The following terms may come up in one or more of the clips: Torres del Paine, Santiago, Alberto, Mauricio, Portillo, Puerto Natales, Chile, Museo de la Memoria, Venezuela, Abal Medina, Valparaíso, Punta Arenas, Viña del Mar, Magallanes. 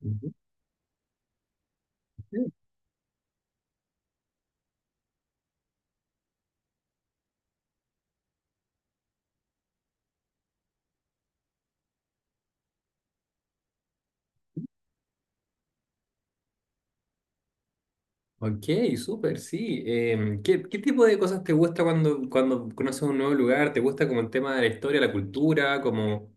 Ujú. Ok, súper, sí. ¿Qué tipo de cosas te gusta cuando, cuando, conoces un nuevo lugar? ¿Te gusta como el tema de la historia, la cultura, como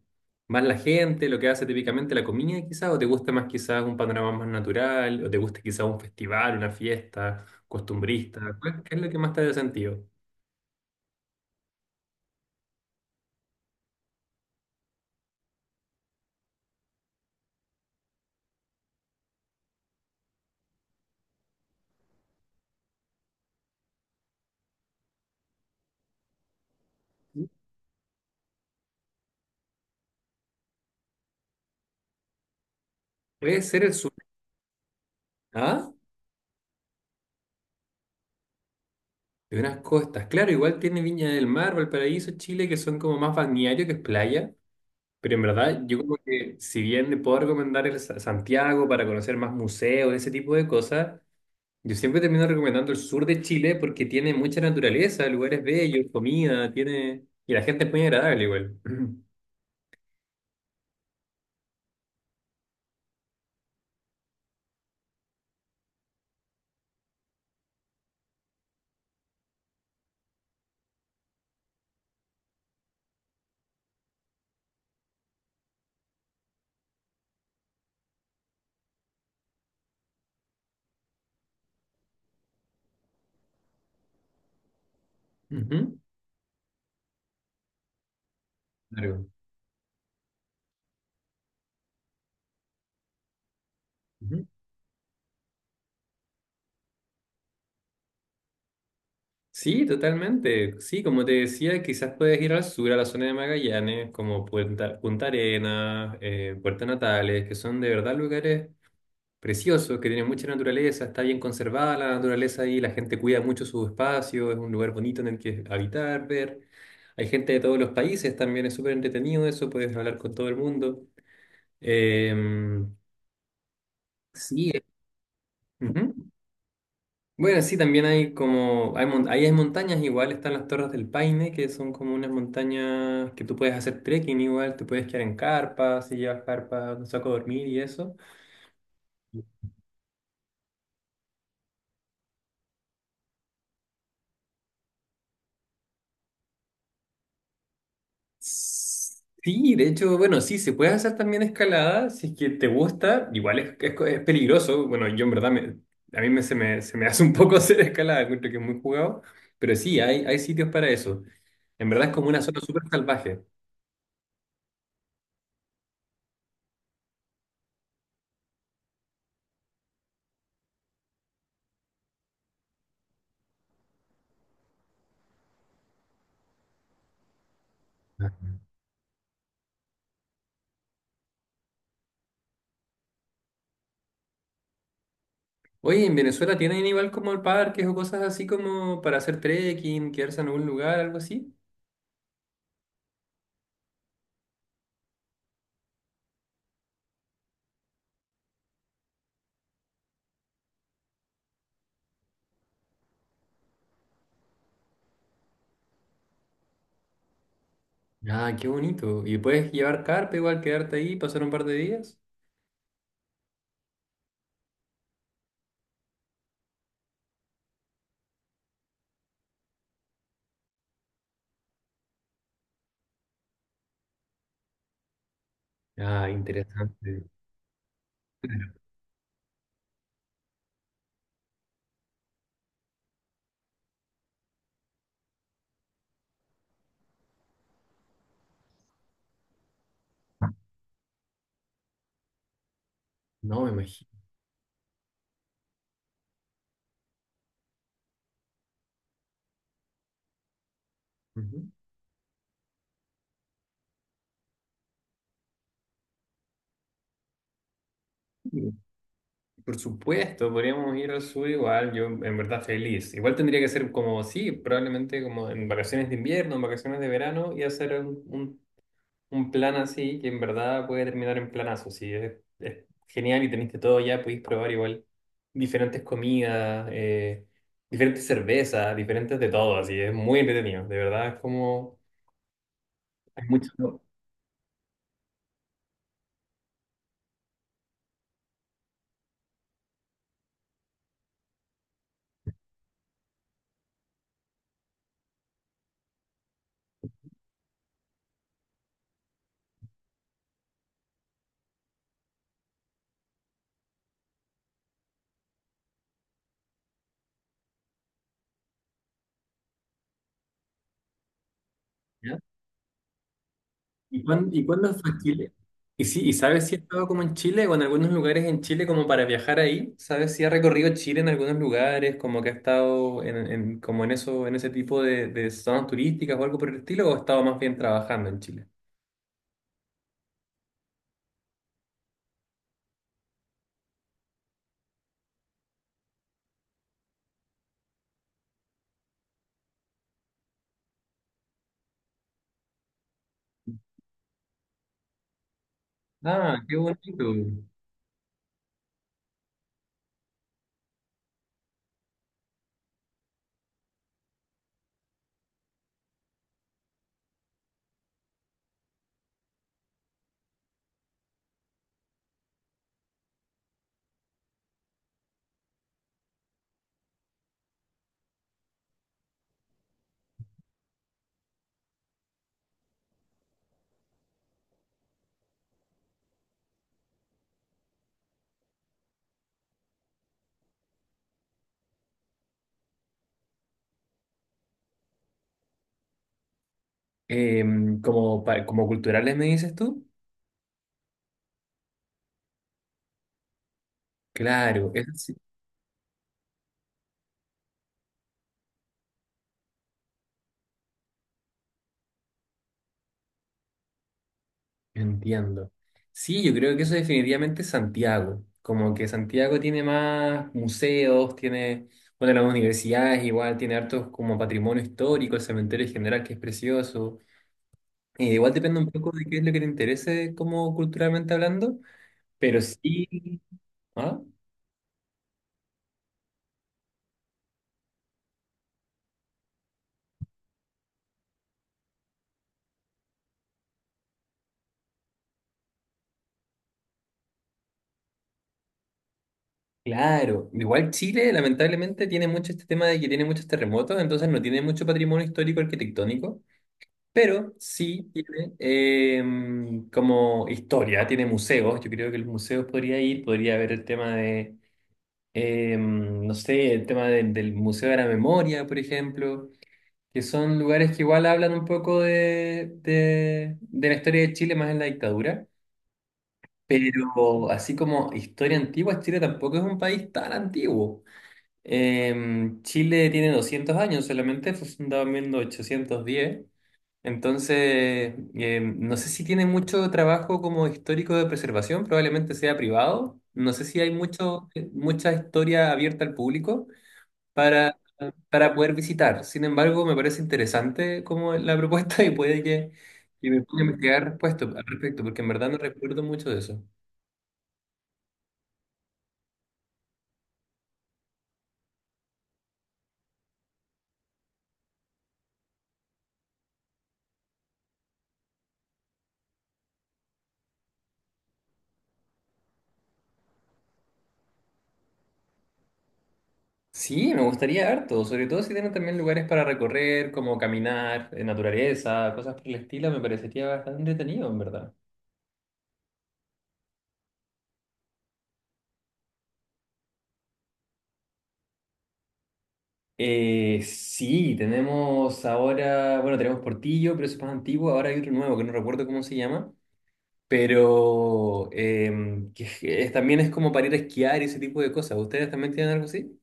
más la gente, lo que hace típicamente la comida quizás? ¿O te gusta más quizás un panorama más natural? ¿O te gusta quizás un festival, una fiesta costumbrista? ¿Qué es lo que más te hace sentido? Puede ser el sur. ¿Ah? De unas costas. Claro, igual tiene Viña del Mar, Valparaíso, Chile, que son como más balneario, que es playa. Pero en verdad, yo como que, si bien le puedo recomendar el Santiago para conocer más museos, ese tipo de cosas, yo siempre termino recomendando el sur de Chile porque tiene mucha naturaleza, lugares bellos, comida, tiene... Y la gente es muy agradable igual. Ujú, claro. Ujú. Sí, totalmente. Sí, como te decía, quizás puedes ir al sur, a la zona de Magallanes, como Punta Arenas, Puerto Natales, que son de verdad lugares precioso, que tiene mucha naturaleza, está bien conservada la naturaleza ahí, la gente cuida mucho su espacio, es un lugar bonito en el que habitar, ver. Hay gente de todos los países también, es súper entretenido eso, puedes hablar con todo el mundo. Eh, sí, ujú. Bueno, sí, también hay como, hay, mon- ahí hay montañas igual, están las Torres del Paine, que son como unas montañas que tú puedes hacer trekking igual, te puedes quedar en carpas, si llevas carpas, un saco a dormir y eso. Sí, de hecho, bueno, sí, se puede hacer también escalada si es que te gusta. Igual es peligroso. Bueno, yo en verdad, a mí se me hace un poco hacer escalada, encuentro que es muy jugado. Pero sí, hay sitios para eso. En verdad es como una zona súper salvaje. Oye, ¿en Venezuela tienen igual como parques o cosas así como para hacer trekking, quedarse en algún lugar, algo así? Ah, qué bonito. ¿Y puedes llevar carpa igual, quedarte ahí, pasar un par de días? Ah, interesante. No, me imagino. Ujú. Por supuesto, podríamos ir al sur igual, yo en verdad feliz. Igual tendría que ser como, sí, probablemente como en vacaciones de invierno, en vacaciones de verano y hacer un plan así que en verdad puede terminar en planazo, sí, es genial y teniste todo ya, podéis probar igual diferentes comidas, diferentes cervezas, diferentes de todo, así, es muy entretenido, de verdad es como, hay mucho. ¿Ya? ¿Y cuándo fue a Chile? ¿Y, sí, y sabes si he estado como en Chile o en algunos lugares en Chile como para viajar ahí? ¿Sabes si ha recorrido Chile en algunos lugares, como que ha estado como en eso, en ese tipo de zonas turísticas o algo por el estilo, o ha estado más bien trabajando en Chile? Ah, qué bonito. Como, como culturales me dices tú. Claro, es... Entiendo. Sí, yo creo que eso definitivamente es Santiago. Como que Santiago tiene más museos, tiene, bueno, las universidades igual, tiene hartos como patrimonio histórico, el cementerio en general que es precioso. Igual depende un poco de qué es lo que te interese como culturalmente hablando, pero sí. ¿Ah? Claro. Igual Chile lamentablemente tiene mucho este tema de que tiene muchos terremotos, entonces no tiene mucho patrimonio histórico arquitectónico. Pero sí tiene como historia, tiene museos. Yo creo que los museos podría ir, podría haber el tema de no sé, el tema del Museo de la Memoria, por ejemplo, que son lugares que igual hablan un poco de de la historia de Chile más en la dictadura. Pero así como historia antigua, Chile tampoco es un país tan antiguo. Chile tiene 200 años solamente, fue fundado en 1810. Entonces, no sé si tiene mucho trabajo como histórico de preservación, probablemente sea privado. No sé si hay mucho, mucha historia abierta al público para, para poder visitar. Sin embargo, me parece interesante como la propuesta y puede que me ponga a investigar respuesta al respecto, porque en verdad no recuerdo mucho de eso. Sí, me gustaría harto, sobre todo si tienen también lugares para recorrer, como caminar, naturaleza, cosas por el estilo, me parecería bastante entretenido, en verdad. Sí, tenemos ahora, bueno, tenemos Portillo, pero eso es más antiguo. Ahora hay otro nuevo que no recuerdo cómo se llama, pero que también es como para ir a esquiar y ese tipo de cosas. ¿Ustedes también tienen algo así?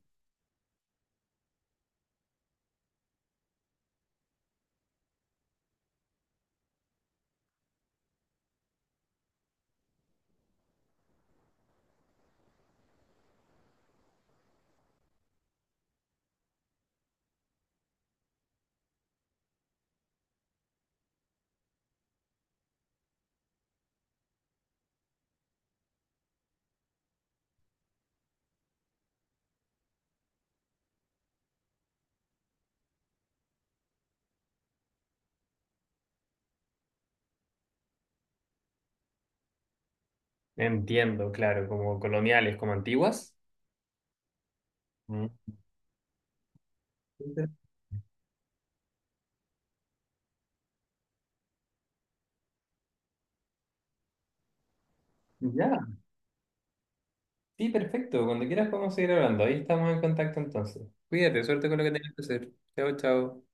Entiendo, claro, como coloniales, como antiguas. Mm. Ya, sí, perfecto. Cuando quieras podemos seguir hablando. Ahí estamos en contacto entonces. Cuídate, suerte con lo que tengas que hacer. Chao, chao.